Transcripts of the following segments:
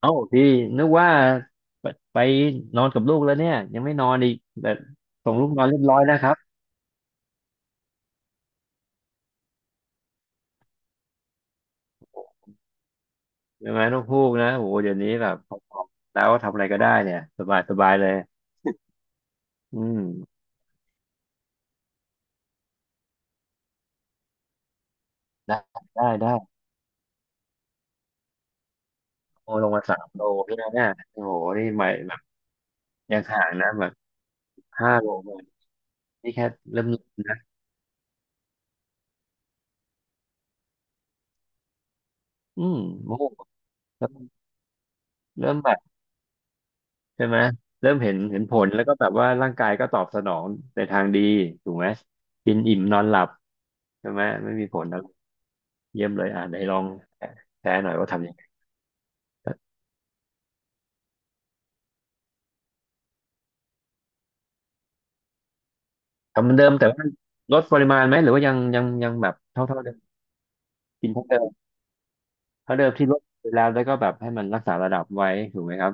เอ้าพี่นึกว่าไปไปนอนกับลูกแล้วเนี่ยยังไม่นอนอีกแต่ส่งลูกนอนเรียบร้อยแล้วครับใช่ไหมลองพูกนะโอ้โหเดี๋ยวนี้แบบพอๆแล้วทำอะไรก็ได้เนี่ยสบายสบายเลยอืมได้ได้ได้โอ้ลงมาสามโลพี่นะเนี่ยโอ้โหนี่ใหม่แบบยังห่างนะแบบห้าโลเลยนี่แค่เริ่มนะอืมโอ้โหเริ่มเริ่มแบบใช่ไหมเริ่มเห็นผลแล้วก็แบบว่าร่างกายก็ตอบสนองในทางดีถูกไหมกินอิ่มนอนหลับใช่ไหมไม่มีผล เยี่ยมเลยอ่ะไหนลองแชร์หน่อยว่าทำยังไงทำเหมือนเดิมแต่ว่าลดปริมาณไหมหรือว่ายังแบบเท่าเดิมกินเท่าเดิมเท่าเดิมที่ลดไปแล้วแล้วก็แบบให้มันรักษาระดับไว้ถูกไหมครับ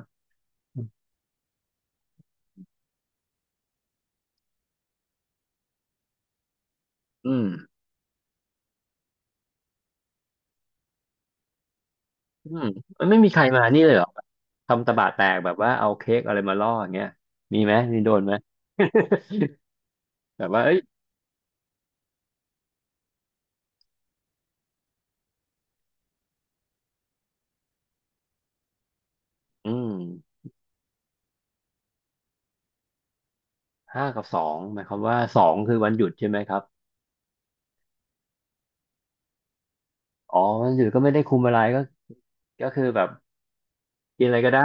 อืมอืมมันไม่มีใครมานี่เลยเหรอทำตะบะแตกแบบว่าเอาเค้กอะไรมาล่ออย่างเงี้ยมีไหมมีโดนไหมแบบว่าเอ้ยอืมห้ากับสองหมายความว่าสองคือวันหยุดใช่ไหมครับอ๋อวันหยุดก็ไม่ได้คุมอะไรก็ก็คือแบบกินอะไรก็ได้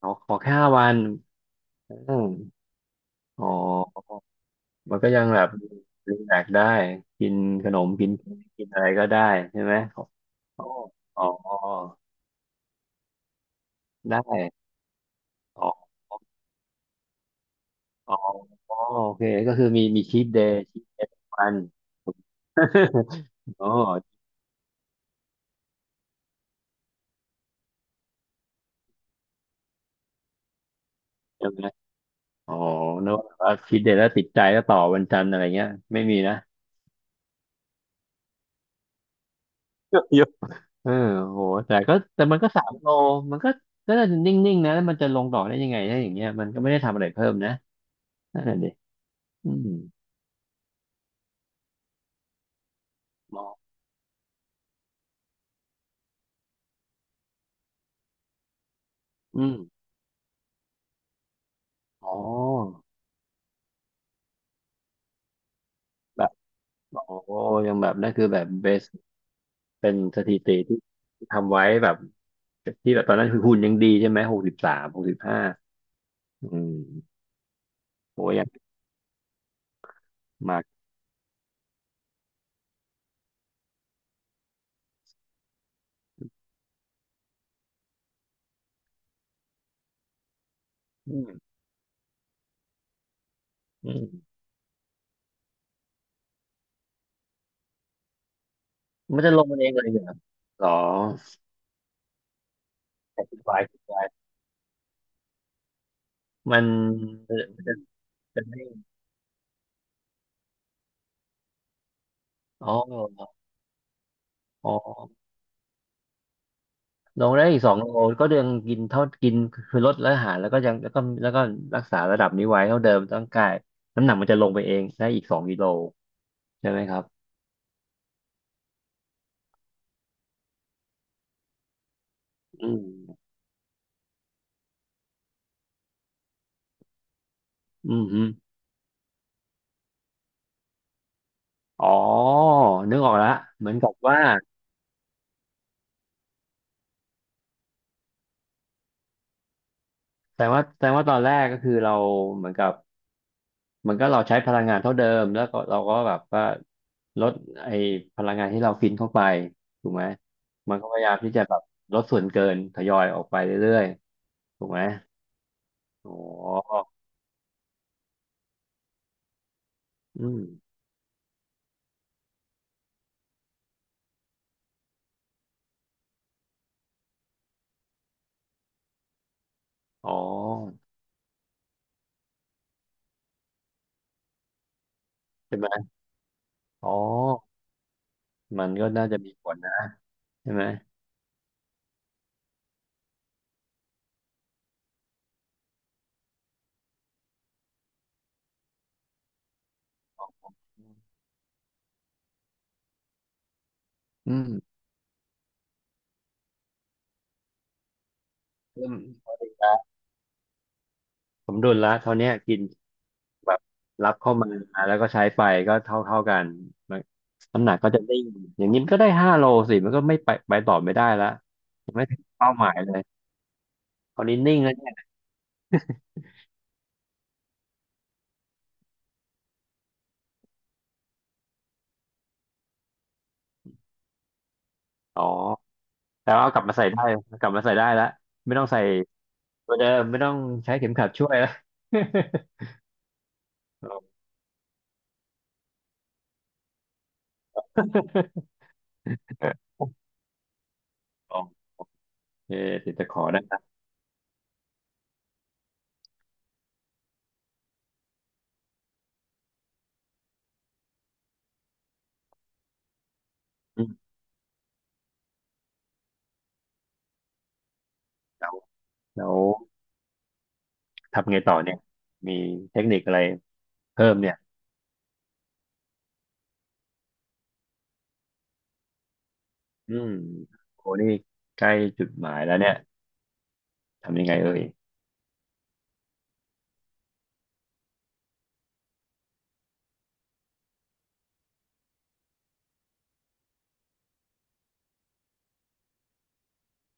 ขอขอแค่ห้าวันอืมอ๋อ มันก็ยังแบบรีแลกซ์ได้กินขนมกินเค้กกินอะไรก็ได้ใช่ไหมอ๋ออ๋อได้อ๋ออ๋ออ๋อโอเคก็คือมีชีทเดย์ชีทเดย์มัน อ๋อใช่ไหมอ๋อนึกว่าชีทเดย์แล้วติดใจแล้วต่อวันจันทร์อะไรเงี้ยไม่มีนะ เยอะเออโหแต่ก็แต่มันก็สามโลมันก็น่าจะนิ่งๆนะแล้วมันจะลงต่อกได้ยังไงถ้าอย่างเงี้ยมันก็ไม่ได้ทำอะไรเพิ่มนะนั่นแหละดิอืมมองอืม อ๋อแบบโอ้ยังแบบนั่นคือแบบเบสเป็นสถิติที่ทำไว้แบบที่แบบตอนนั้นคือหุ่นยังดีใช่ไหมหกสิบสามหกสิบห้าอืมโอ้ยังมากอืมอืมมันจะลงมันเองเลยเหรอหรอคธิบายคธิดไายมันมันจะจะไม่อ๋ออ๋อ ลงได้อีกสองโลก็ยังกินเท่ากินคือลดและอาหารแล้วก็ยังแล้วก็รักษาระดับนี้ไว้เท่าเดิมร่างกายน้ำหนักมันจะลงไปเองได้อีกสองกิโลใช่ไหมครับอืมอืมฮึอ๋อนึกออกแล้วเหมือนกับว่าแต่ว่าตอนแรกก็คือเราเหมือนกับเหมือนก็เราใช้พลังงานเท่าเดิมแล้วก็เราก็แบบว่าลดไอ้พลังงานที่เรากินเข้าไปถูกไหมมันก็พยายามที่จะแบบลดส่วนเกินทยอยออกไปเรื่อยๆถูกไหมอ๋ออืม อ๋อใช่ไหมอ๋อมันก็น่าจะมีผลนะใช่ไหมอ๋ออืมเริ่มสมดุลละสมดุลละเท่าเนี้ยกินแบบรับเข้ามาแล้วก็ใช้ไปก็เท่ากันมันน้ำหนักก็จะได้งอย่างนี้มันก็ได้ห้าโลสิมันก็ไม่ไปต่อไม่ได้ละยังไม่ถึงเป้าหมายเลยคราวนี้นิ่งแล้วเนี่ยอ๋อแต่ว่าเอากลับมาใส่ได้กลับมาใส่ได้แลวไม่ต้องใส่ตัวเดิมไม่ต้องใช้เข็มขัดช่วยและ โอเคติดตะขอได้ อืมแล้วแล้วทำไงต่อเนี่ยมีเทคนิคอะไรเพิ่มเนี่ยอืมโอ้นี่ใกล้จุดหมายแล้วเนี่ยทำยังไงเอ่ย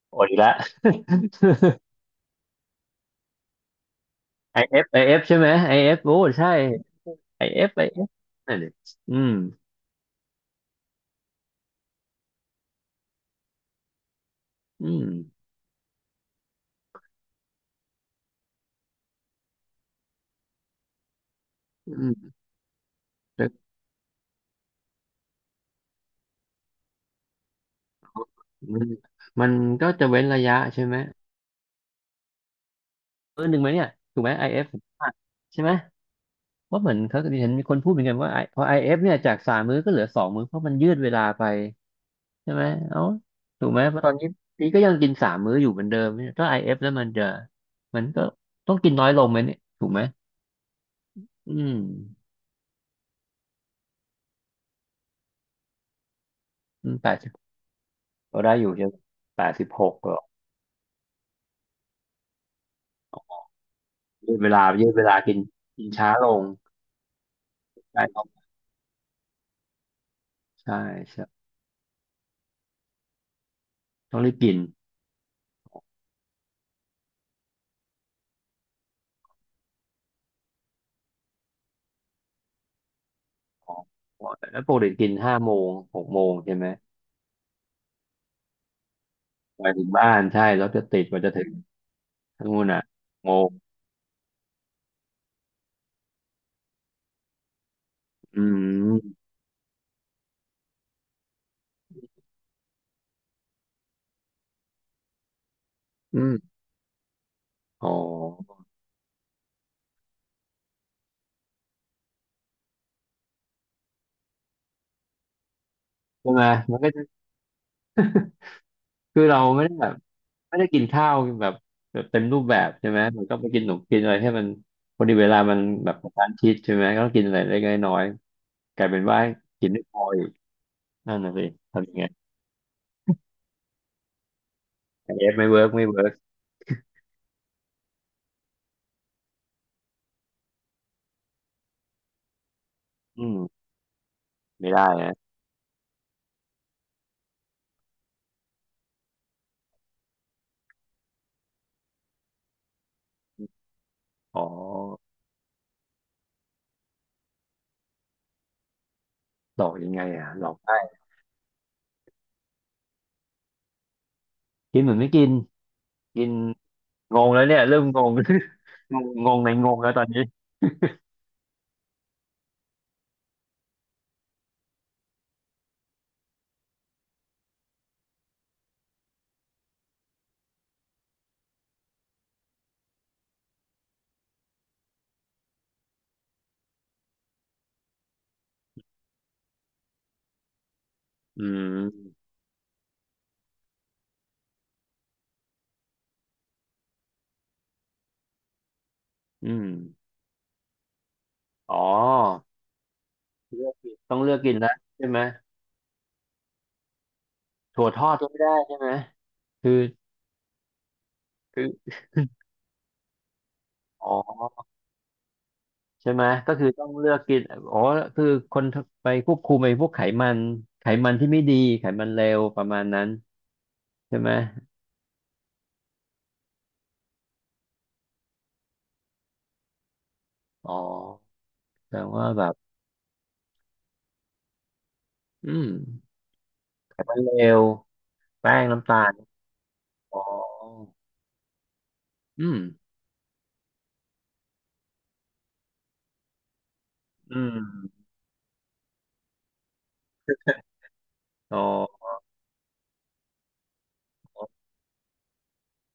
โอ้ยละ ไอเ IF ใช่ไหมไอเอฟโอ้ใช่ไอเอฟนั่นดิอืมอืมอืมแล้วมันมันก็จะเว้นระยะใช่ไหมเออหนึ่งไหมเนี่ยถูกไหมไอเอฟใช่ไหมเพราะเหมือนเขาเห็นมีคนพูดเหมือนกันว่า I- พอ IF เอฟเนี่ยจากสามมื้อก็เหลือสองมื้อเพราะมันยืดเวลาไป ใช่ไหมเอ้าถูกไหมเพราะตอนนี้พี่ก็ยังกินสามมื้ออยู่เหมือนเดิมเนี่ยถ้าไอเอฟแล้วมันก็ต้องกินน้อยลงไหมเนี่ยถูกไหมอืมอืมแปดสิบก็ได้อยู่ใช่ไหมแปดสิบหกก็ยืดเวลากินกินช้าลงใช่ต้องใช่ใช่ต้องรีบกินอ๋อแล้วปกติกินห้าโมงหกโมงใช่ไหมไปถึงบ้านใช่แลจะติดกว่าจะถึงทั้งนู้นอ่ะหกโมงอืมอืมอ๋อใช่ไหมมันก็จะคือเราไม่ได้แบบ ไม่ได้กินข้าวแบบแบบเต็มรูปแบบใช่ไหมมันก็ไปกินหนมกินอะไรให้มันพอดีเวลามันแบบกระชั้นชิดใช่ไหมก็ต้องกินอะไรเล็กๆน้อยๆกลายเป็นว่ากินไม่พออีกนั่นน่ะสิทำยังไงไอเอฟไม่เวิร์กอืมไม่ได้นะอ๋อหลอกยังไงอ่ะหลอกได้กินเหมือนไม่กินกินงงแล้วเนี่ยเริ่มงง งงงงในงงแล้วตอนนี้อืมอืมอ๋อเลือกกินต้องเลือกกินแล้วใช่ไหมถั่วทอดก็ไม่ได้ใช่ไหมคือคืออ๋อ ใช่ไหมก็คือต้องเลือกกินอ๋อคือคนไปควบคุมไอ้พวกไขมันไขมันที่ไม่ดีไขมันเลวประมาณนั้นใช่ไหมอ๋อแปลว่าแบบอืมไขมันเลวแป้งน้ำตาลอ๋ออืมอืมอ๋อ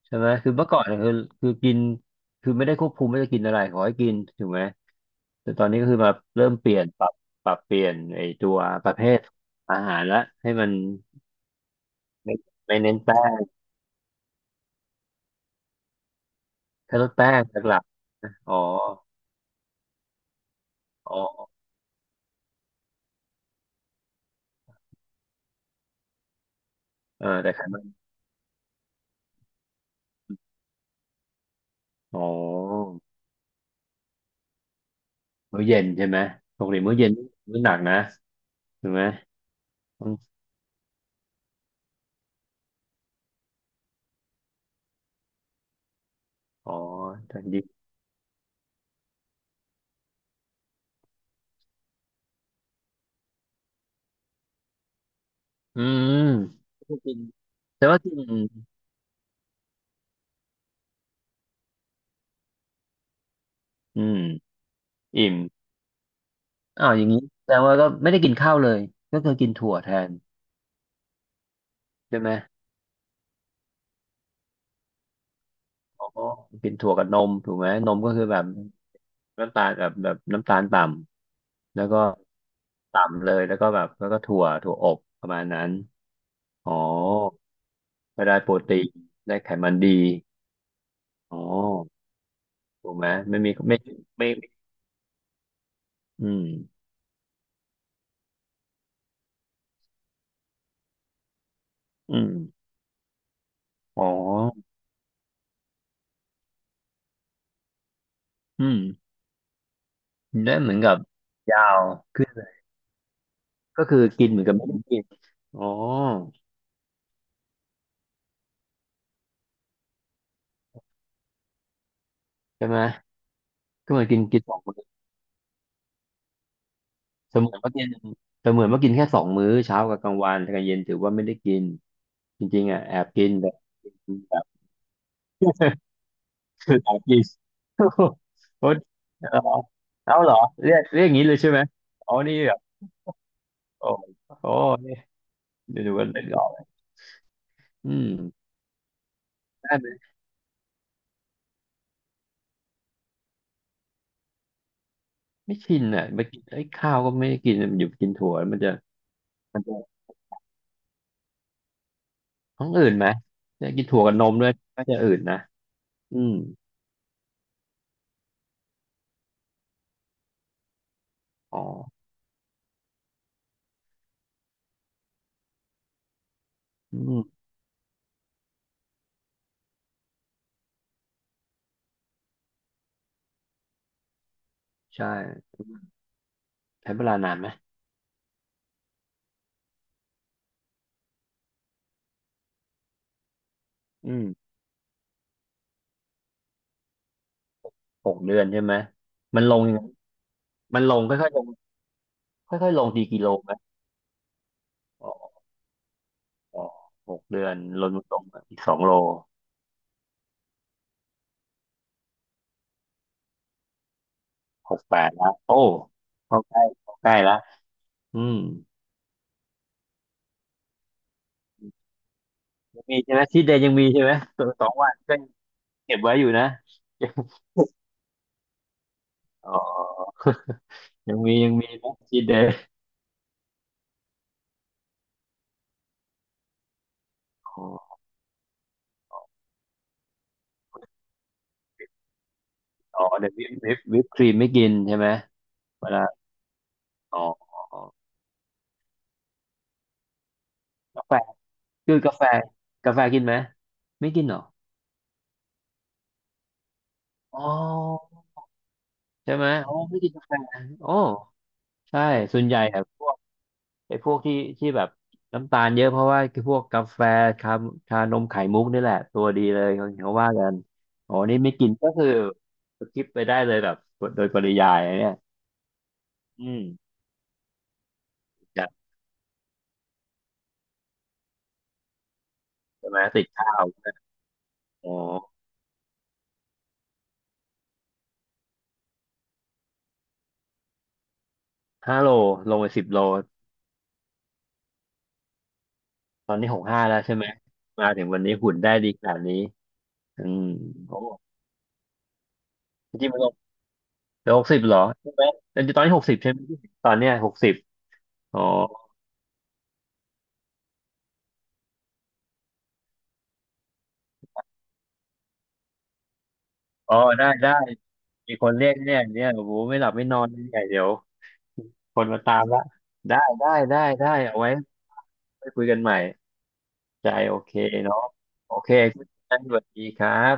ใช่ไหมคือเมื่อก่อนเนี่ยคือคือกินคือไม่ได้ควบคุมไม่าจะกินอะไรขอให้กินถูกไหมแต่ตอนนี้ก็คือมาเริ่มเปลี่ยนปรับปรับเปลี่ยนไอ้ตัวประเภทอาหารละให้มันไม่ไม่เน้นแป้ง แค่ลดแป้งหลักๆนะอ๋ออ๋อเออแต่ไขมันอ๋อมื้อเย็นใช่ไหมปกติมื้อเย็นมื้อหนักนะถูกไหมอมอ๋อแต่ดีอืมไม่กินแต่ว่ากินอืมอิ่มอ้าวอย่างนี้แสดงว่าก็ไม่ได้กินข้าวเลยก็คือกินถั่วแทนใช่ไหมอ๋อกินถั่วกับนมถูกไหมนมก็คือแบบน้ำตาลแบบน้ำตาลต่ำแล้วก็ต่ำเลยแล้วก็แบบแล้วก็ถั่วถั่วอบประมาณนั้นอ๋อ ไม่ได้โปรตีนได้ไขมันดีอ๋อถูกไหมไม่มีไม่อืมอืมอ๋ออืมได้เหมือนกับยาวขึ้นเลยก็คือกินเหมือนกับไม่ได้กินอ๋อใช่ไหมก็เหมือนกินกินสองมื้อเสมือนว่ากินเสมือนว่ากินแค่สองมื้อเช้ากับกลางวันแต่กลางเย็นถือว่าไม่ได้กินจริงๆอ่ะแอบกินแต่แบบ คือแอบกิน โอ้โหโอ้โหเอาเหรอเรียกอย่างนี้เลยใช่ไหมอ๋อนี่แบบโอ้โห เดี๋ยวดูว่านึกออกไหมอืมได้ไหมไม่ชินอ่ะมากินไอ้ยข้าวก็ไม่ได้กินมันอยู่กินถั่วมันจะมันจะท้องอืดไหมจะกินถั่วกับนมด้วยก็จะอืดนะอืมอ๋ออืมใช่ใช้เวลานานไหมอืมหกเดือนใช่ไหมมันลงยังไงมันลงค่อยๆลงค่อยๆลงดีกิโลไหมอ๋ออ๋อหกเดือนลดลงลงอีกสองโลหกแปดแล้วโอ้เข้าใกล้เข้าใกล้แล้วอืมยังมีใช่ไหมชีทเดย์ยังมีใช่ไหมตัวสองวันก็ยังเก็บไว้อยู่นะ อ๋อยังมียังมีมุกทีดเดฟออ๋ออ๋อเดี๋ยววิปครีมไม่กินใช่ไหมเวลาอ๋ออ๋ออ๋อกาแฟคือกาแฟกาแฟกินไหมไม่กินเหรออ๋อใช่ไหมโอ้ไม่กินกาแฟโอ้ใช่ส่วนใหญ่อะพวกไอ้พวกที่แบบน้ำตาลเยอะเพราะว่าคือพวกกาแฟชาชานมไข่มุกนี่แหละตัวดีเลยเขาเขาว่ากันอ๋อนี่ไม่กินก็คือสกิปไปได้เลยแบบโดยปริยายอะเนี่ยอืมติดกันใช่ไหมติดข้าวใช่ไหมอ๋อ ห้าโลลงไปสิบโลตอนนี้หกห้าแล้วใช่ไหมมาถึงวันนี้หุ่นได้ดีขนาดนี้อืมโอ้จริงๆมันลงไปหกสิบเหรอใช่ไหมแต่ตอนนี้หกสิบใช่ไหมตอนเนี้ยหกสิบอ๋ออ๋อได้ได้มีคนเรียกเนี่ยเนี่ยโอ้โหไม่หลับไม่นอนเนี่ยเดี๋ยวคนมาตามละได้ได้ได้ได้เอาไว้ไปคุยกันใหม่ใจโอเคเนาะโอเคงั้นสวัสดีครับ